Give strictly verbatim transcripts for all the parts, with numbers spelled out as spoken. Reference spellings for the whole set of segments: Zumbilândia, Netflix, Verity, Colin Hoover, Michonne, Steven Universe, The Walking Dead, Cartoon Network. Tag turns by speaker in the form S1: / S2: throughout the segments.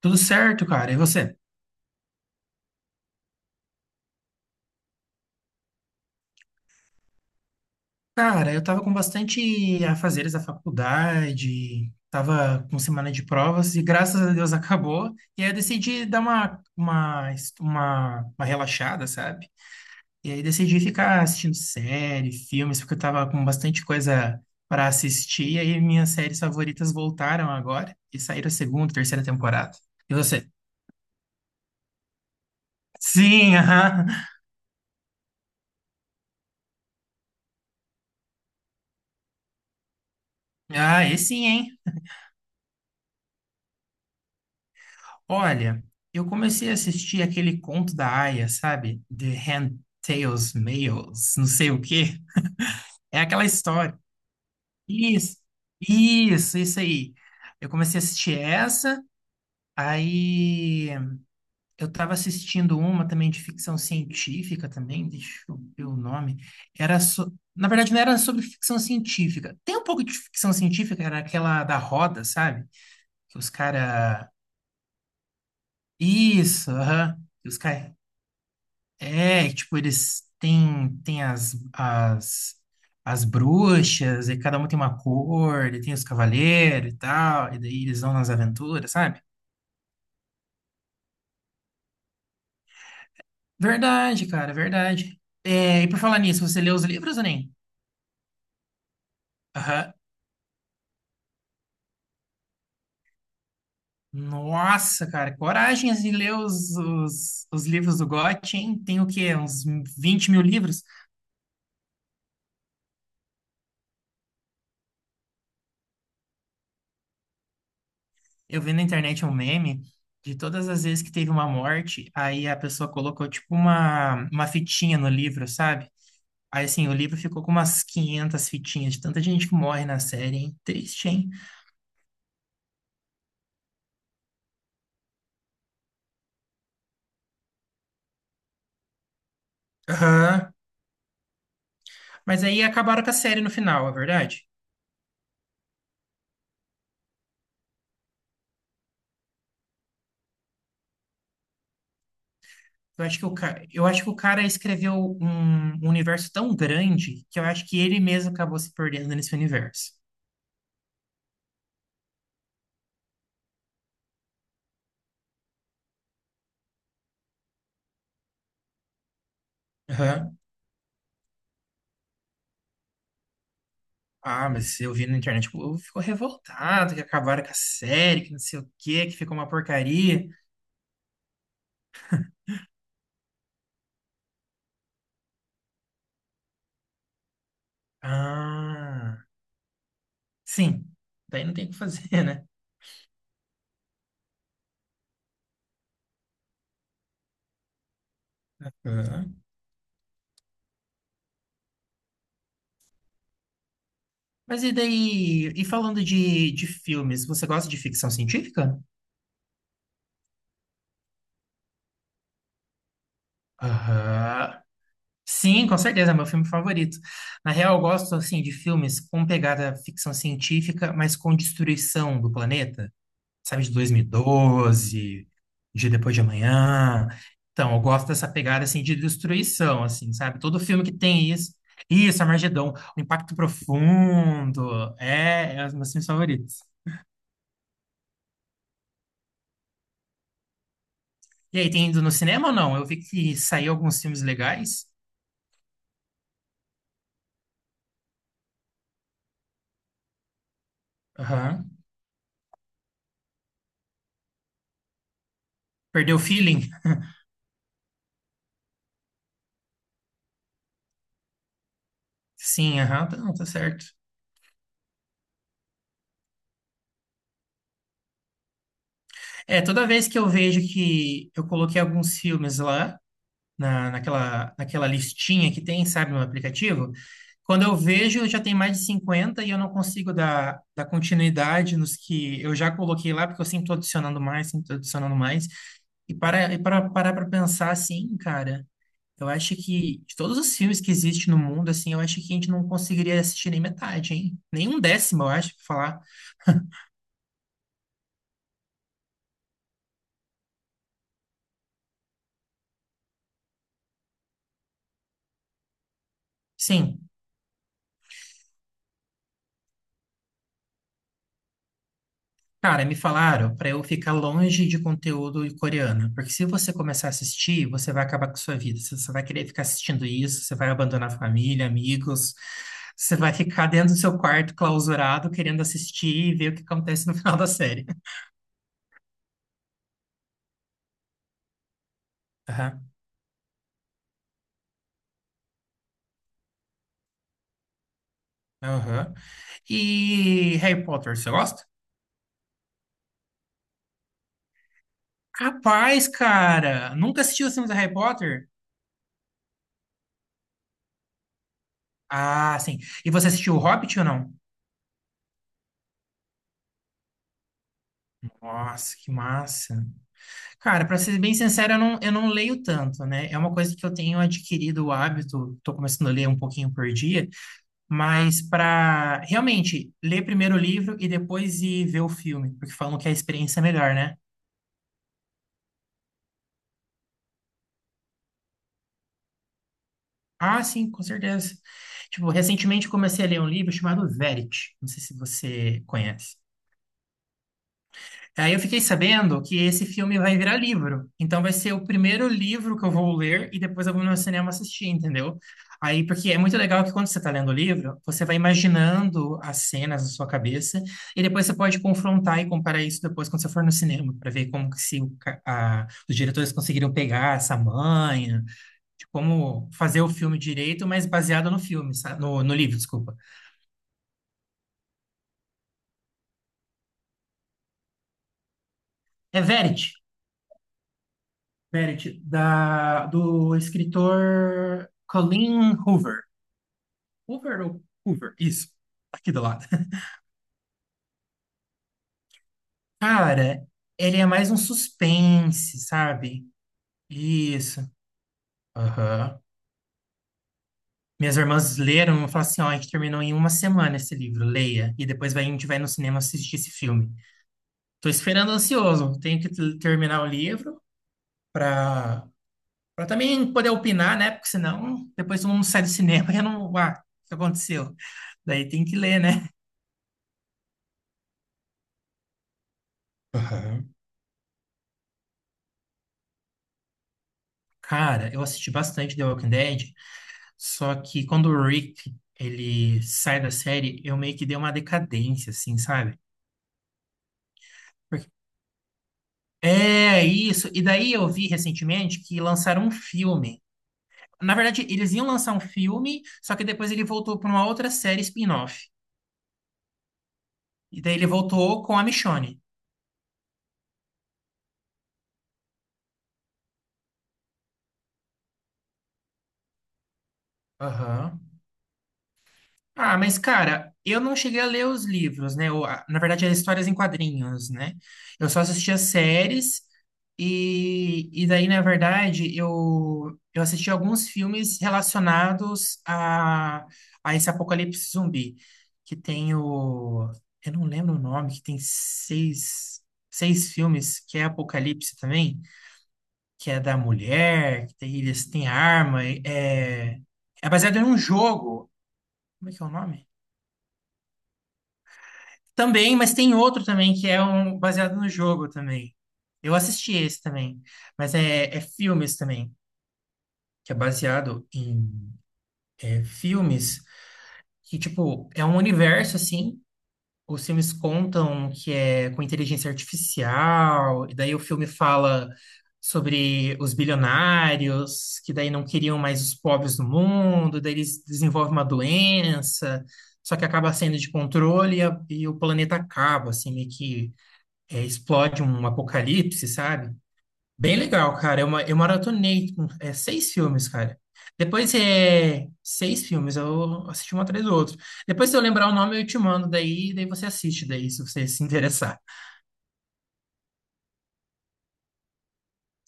S1: Tudo certo, cara. E você? Cara, eu tava com bastante afazeres da faculdade, tava com semana de provas e graças a Deus acabou. E aí eu decidi dar uma, uma, uma, uma relaxada, sabe? E aí decidi ficar assistindo série, filmes, porque eu tava com bastante coisa para assistir. E aí minhas séries favoritas voltaram agora e saíram a segunda, terceira temporada. E você? Sim, aham. Ah, esse sim, hein? Olha, eu comecei a assistir aquele conto da Aya, sabe? The Hand Tales, Males, não sei o quê. É aquela história. Isso, isso, isso aí. Eu comecei a assistir essa, aí eu tava assistindo uma também de ficção científica também, deixa eu ver o nome. Era so... Na verdade, não era sobre ficção científica. Tem um pouco de ficção científica, era aquela da roda, sabe? Que os caras. Isso, aham. Que os caras. É, tipo, eles têm, têm as, as, as bruxas, e cada um tem uma cor, e tem os cavaleiros e tal, e daí eles vão nas aventuras, sabe? Verdade, cara, é verdade. É, e por falar nisso, você leu os livros ou nem? Aham. Nossa, cara, coragem de ler os, os, os livros do Gotti, hein? Tem o quê? Uns vinte mil livros? Eu vi na internet um meme de todas as vezes que teve uma morte, aí a pessoa colocou, tipo, uma, uma fitinha no livro, sabe? Aí, assim, o livro ficou com umas quinhentas fitinhas de tanta gente que morre na série, hein? Triste, hein? Aham. Mas aí acabaram com a série no final, é verdade? Eu acho que o ca... eu acho que o cara escreveu um um universo tão grande que eu acho que ele mesmo acabou se perdendo nesse universo. Aham. Ah, mas eu vi na internet, tipo, o povo ficou revoltado que acabaram com a série, que não sei o quê, que ficou uma porcaria. Ah, sim. Daí não tem o que fazer, né? Aham. Mas e daí? E falando de, de filmes, você gosta de ficção científica? Aham. Sim, com certeza, é meu filme favorito. Na real, eu gosto assim de filmes com pegada ficção científica, mas com destruição do planeta, sabe, de dois mil e doze, de Depois de Amanhã. Então, eu gosto dessa pegada assim de destruição, assim, sabe? Todo filme que tem isso, isso, Armagedon, o Impacto Profundo, é, é um dos meus filmes favoritos. E aí, tem ido no cinema ou não? Eu vi que saiu alguns filmes legais. Aham. Perdeu o feeling? Sim, aham, tá, não, tá certo. É, toda vez que eu vejo que eu coloquei alguns filmes lá, na, naquela, naquela listinha que tem, sabe, no aplicativo, quando eu vejo, já tem mais de cinquenta e eu não consigo dar, dar continuidade nos que eu já coloquei lá, porque eu sempre tô adicionando mais, sempre tô adicionando mais. E para, e para parar para pensar assim, cara. Eu acho que de todos os filmes que existem no mundo, assim, eu acho que a gente não conseguiria assistir nem metade, hein? Nem um décimo, eu acho, pra falar. Sim, cara, me falaram pra eu ficar longe de conteúdo coreano, porque se você começar a assistir, você vai acabar com a sua vida. Você você vai querer ficar assistindo isso, você vai abandonar a família, amigos, você vai ficar dentro do seu quarto clausurado, querendo assistir e ver o que acontece no final da série. Aham, aham. E Harry Potter, você gosta? Capaz, cara! Nunca assistiu os filmes do Harry Potter? Ah, sim. E você assistiu o Hobbit ou não? Nossa, que massa. Cara, pra ser bem sincero, eu não, eu não leio tanto, né? É uma coisa que eu tenho adquirido o hábito, tô começando a ler um pouquinho por dia, mas pra realmente ler primeiro o livro e depois ir ver o filme, porque falam que a experiência é melhor, né? Ah, sim, com certeza. Tipo, recentemente comecei a ler um livro chamado Verity. Não sei se você conhece. Aí eu fiquei sabendo que esse filme vai virar livro. Então vai ser o primeiro livro que eu vou ler e depois eu vou no cinema assistir, entendeu? Aí, porque é muito legal que quando você está lendo o livro, você vai imaginando as cenas na sua cabeça e depois você pode confrontar e comparar isso depois quando você for no cinema, para ver como que se o ca- a- os diretores conseguiram pegar essa manha, de como fazer o filme direito, mas baseado no filme, sa- no, no livro, desculpa. É Verity. Meredith, da, do escritor Colin Hoover. Hoover ou Hoover? Isso, aqui do lado. Cara, ele é mais um suspense, sabe? Isso. Aham. Minhas irmãs leram e falaram assim: ó, a gente terminou em uma semana esse livro, leia. E depois vai, a gente vai no cinema assistir esse filme. Tô esperando ansioso. Tenho que t- terminar o livro pra, pra também poder opinar, né? Porque senão depois todo mundo sai do cinema e eu não. Ah, o que aconteceu? Daí tem que ler, né? Aham. Cara, eu assisti bastante The Walking Dead, só que quando o Rick, ele sai da série, eu meio que dei uma decadência, assim, sabe? Porque- é isso. E daí eu vi recentemente que lançaram um filme. Na verdade, eles iam lançar um filme, só que depois ele voltou para uma outra série spin-off. E daí ele voltou com a Michonne. Aham. Ah, mas cara, eu não cheguei a ler os livros, né? Ou, a- na verdade, as histórias em quadrinhos, né? Eu só assistia séries e, e daí, na verdade, eu, eu assisti alguns filmes relacionados a, a esse apocalipse zumbi, que tem o... Eu não lembro o nome, que tem seis, seis filmes, que é Apocalipse também, que é da mulher, que tem, eles têm arma, é, é baseado em um jogo. Como é que é o nome? Também, mas tem outro também que é um baseado no jogo também. Eu assisti esse também, mas é, é filmes também, que é baseado em é, filmes que, tipo, é um universo assim. Os filmes contam que é com inteligência artificial, e daí o filme fala sobre os bilionários, que daí não queriam mais os pobres do mundo, daí eles desenvolvem uma doença, só que acaba saindo de controle e, a- e o planeta acaba, assim, meio que é, explode um apocalipse, sabe? Bem legal, cara. Eu, ma- eu maratonei com, é, seis filmes, cara. Depois é seis filmes, eu assisti um atrás do outro. Depois, se eu lembrar o nome, eu te mando daí, daí você assiste daí, se você se interessar.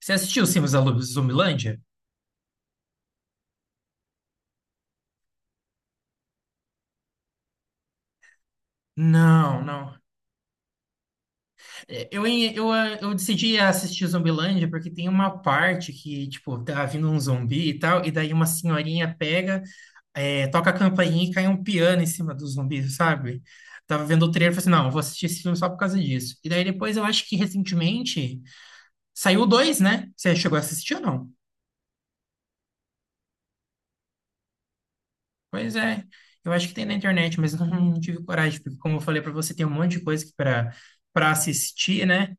S1: Você assistiu os filmes da Lu- Zumbilândia? Não, não. É, eu, em- eu, ah, eu decidi assistir Zumbilândia porque tem uma parte que, tipo, tá vindo um zumbi e tal, e daí uma senhorinha pega. É, toca a campainha e cai um piano em cima dos zumbis, sabe? Tava vendo o trailer e falei assim, não, eu vou assistir esse filme só por causa disso. E daí depois eu acho que recentemente saiu o dois, né? Você chegou a assistir ou não? Pois é, eu acho que tem na internet, mas não, não tive coragem, porque como eu falei pra você, tem um monte de coisa para para assistir, né?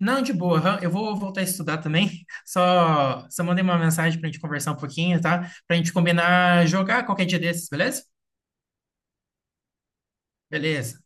S1: Não, de boa, aham, eu vou voltar a estudar também. Só, só mandei uma mensagem pra gente conversar um pouquinho, tá? Pra gente combinar jogar qualquer dia desses, beleza? Beleza.